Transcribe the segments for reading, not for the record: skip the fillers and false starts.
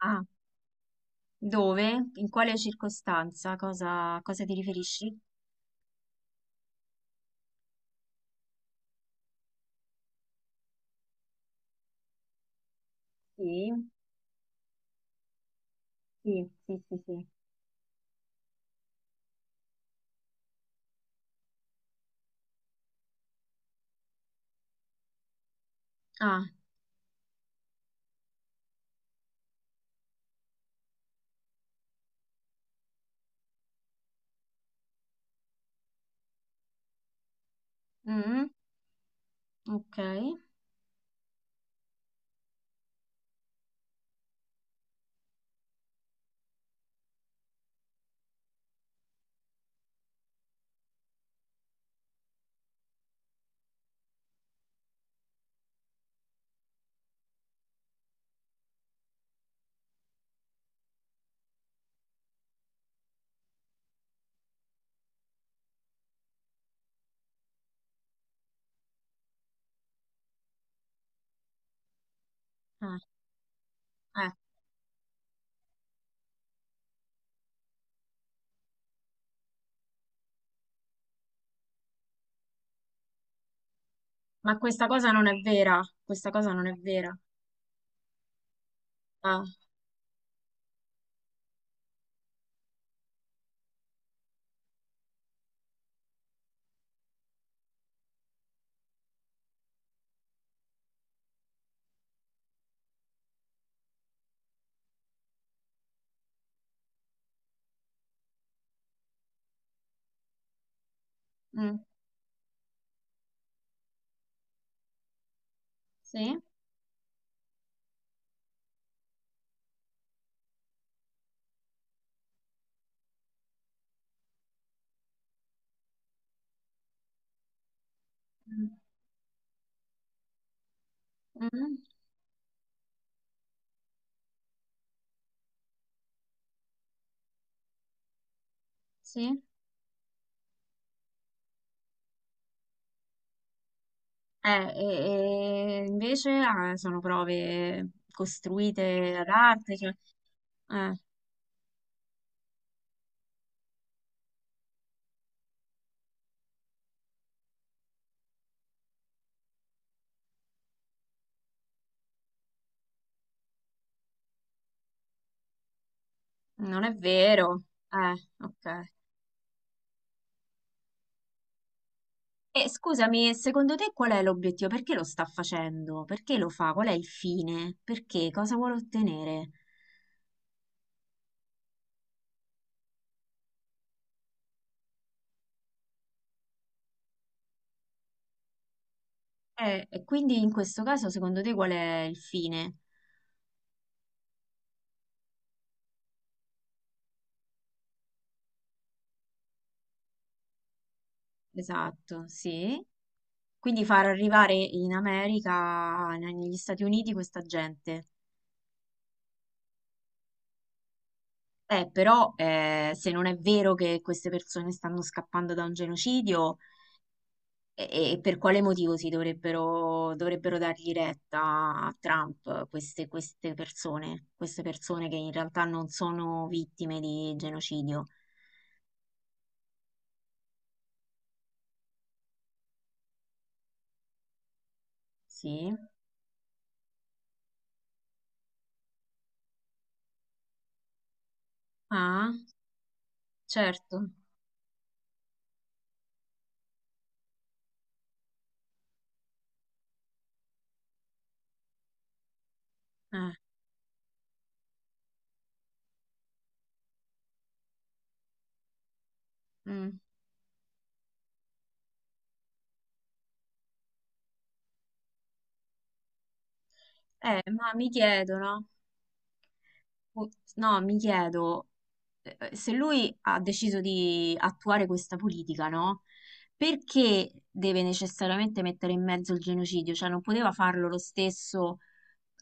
Ah, dove? In quale circostanza? Cosa ti riferisci? Sì, sì, sì, sì, sì. Ah, mm, ok. Ah, eh, Ma questa cosa non è vera. Questa cosa non è vera. Ah, mm, sì, mm, mm, sì. Eh, e invece sono prove costruite ad arte, cioè, eh, non è vero. Eh, ok. E scusami, secondo te qual è l'obiettivo? Perché lo sta facendo? Perché lo fa? Qual è il fine? Perché? Cosa vuole ottenere? E quindi in questo caso, secondo te qual è il fine? Esatto, sì. Quindi far arrivare in America, negli Stati Uniti, questa gente. Però se non è vero che queste persone stanno scappando da un genocidio, e per quale motivo si dovrebbero dargli retta a Trump queste persone che in realtà non sono vittime di genocidio? Sì. Ah, certo. Eh, mm. Ma mi chiedono. Oh, no, mi chiedo se lui ha deciso di attuare questa politica, no? Perché deve necessariamente mettere in mezzo il genocidio? Cioè, non poteva farlo lo stesso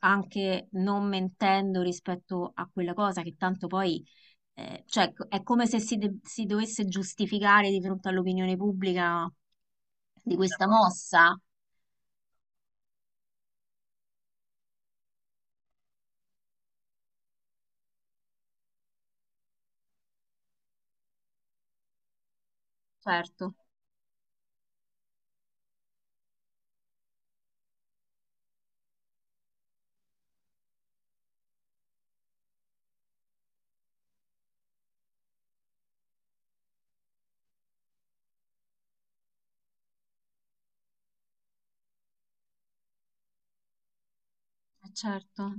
anche non mentendo rispetto a quella cosa che tanto poi, cioè, è come se si, si dovesse giustificare di fronte all'opinione pubblica di questa mossa. Certo, certo.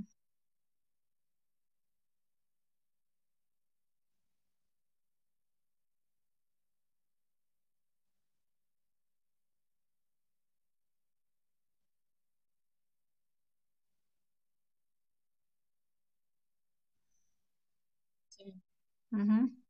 Sì. Mhm.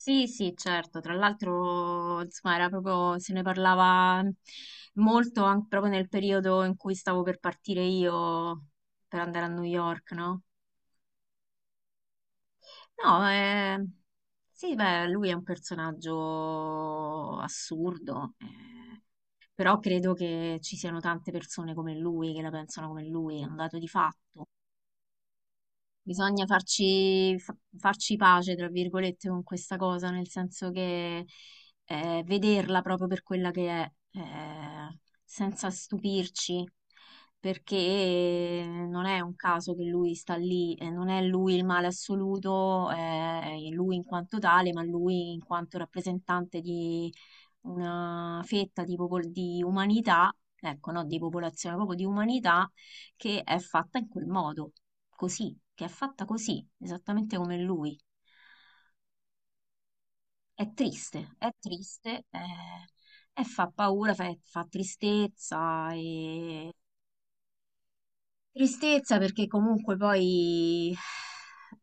Sì, sì, certo. Tra l'altro, insomma, era proprio, se ne parlava molto anche proprio nel periodo in cui stavo per partire io per andare a New York, no? No, sì, beh, lui è un personaggio assurdo, però credo che ci siano tante persone come lui che la pensano come lui, è un dato di fatto. Bisogna farci pace, tra virgolette, con questa cosa, nel senso che vederla proprio per quella che è, eh, senza stupirci, perché non è un caso che lui sta lì, non è lui il male assoluto, lui in quanto tale, ma lui in quanto rappresentante di una fetta di umanità, ecco, no, di popolazione, proprio di umanità che è fatta in quel modo così, che è fatta così, esattamente come lui. È triste, e fa paura, fa tristezza, e tristezza perché comunque poi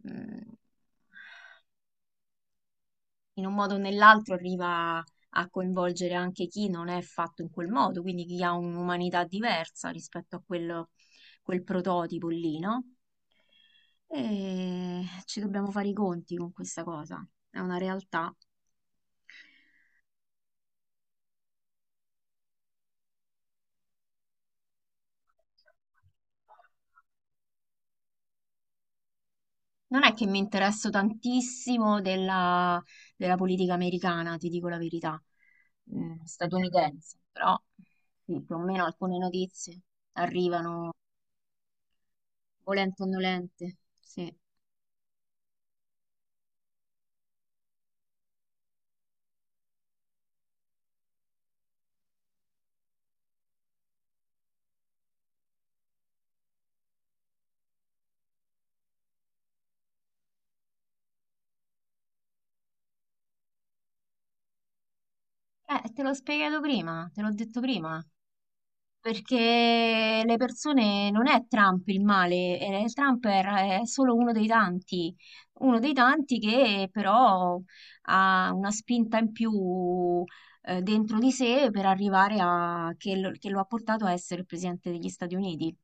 mm, in un modo o nell'altro arriva a coinvolgere anche chi non è fatto in quel modo, quindi chi ha un'umanità diversa rispetto a quello, quel prototipo lì, no? E ci dobbiamo fare i conti con questa cosa, è una realtà. Non è che mi interesso tantissimo della politica americana, ti dico la verità. Statunitense, però sì, più o meno alcune notizie arrivano volente o nolente. Sì. Te l'ho spiegato prima, te l'ho detto prima. Perché le persone non è Trump il male, Trump è solo uno dei tanti che però ha una spinta in più dentro di sé per arrivare a che lo ha portato a essere il presidente degli Stati Uniti.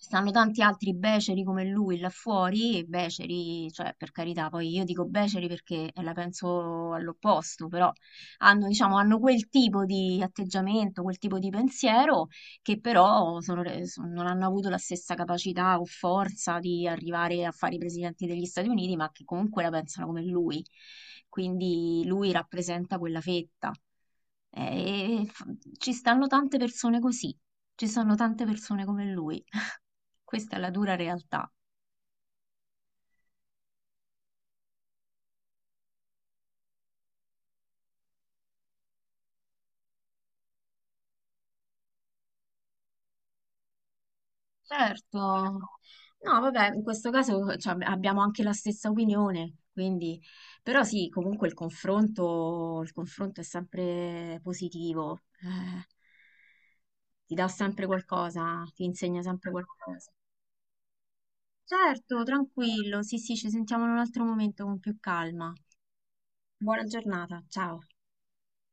Ci stanno tanti altri beceri come lui là fuori, e beceri, cioè per carità, poi io dico beceri perché la penso all'opposto, però hanno, diciamo, hanno quel tipo di atteggiamento, quel tipo di pensiero che però non hanno avuto la stessa capacità o forza di arrivare a fare i presidenti degli Stati Uniti, ma che comunque la pensano come lui. Quindi lui rappresenta quella fetta. Eh, E f- ci stanno tante persone così, ci sono tante persone come lui. Questa è la dura realtà. Certo. No, vabbè, in questo caso cioè, abbiamo anche la stessa opinione, quindi... Però sì, comunque il confronto è sempre positivo, ti dà sempre qualcosa, ti insegna sempre qualcosa. Certo, tranquillo, sì, sì, ci sentiamo in un altro momento con più calma. Buona giornata, ciao.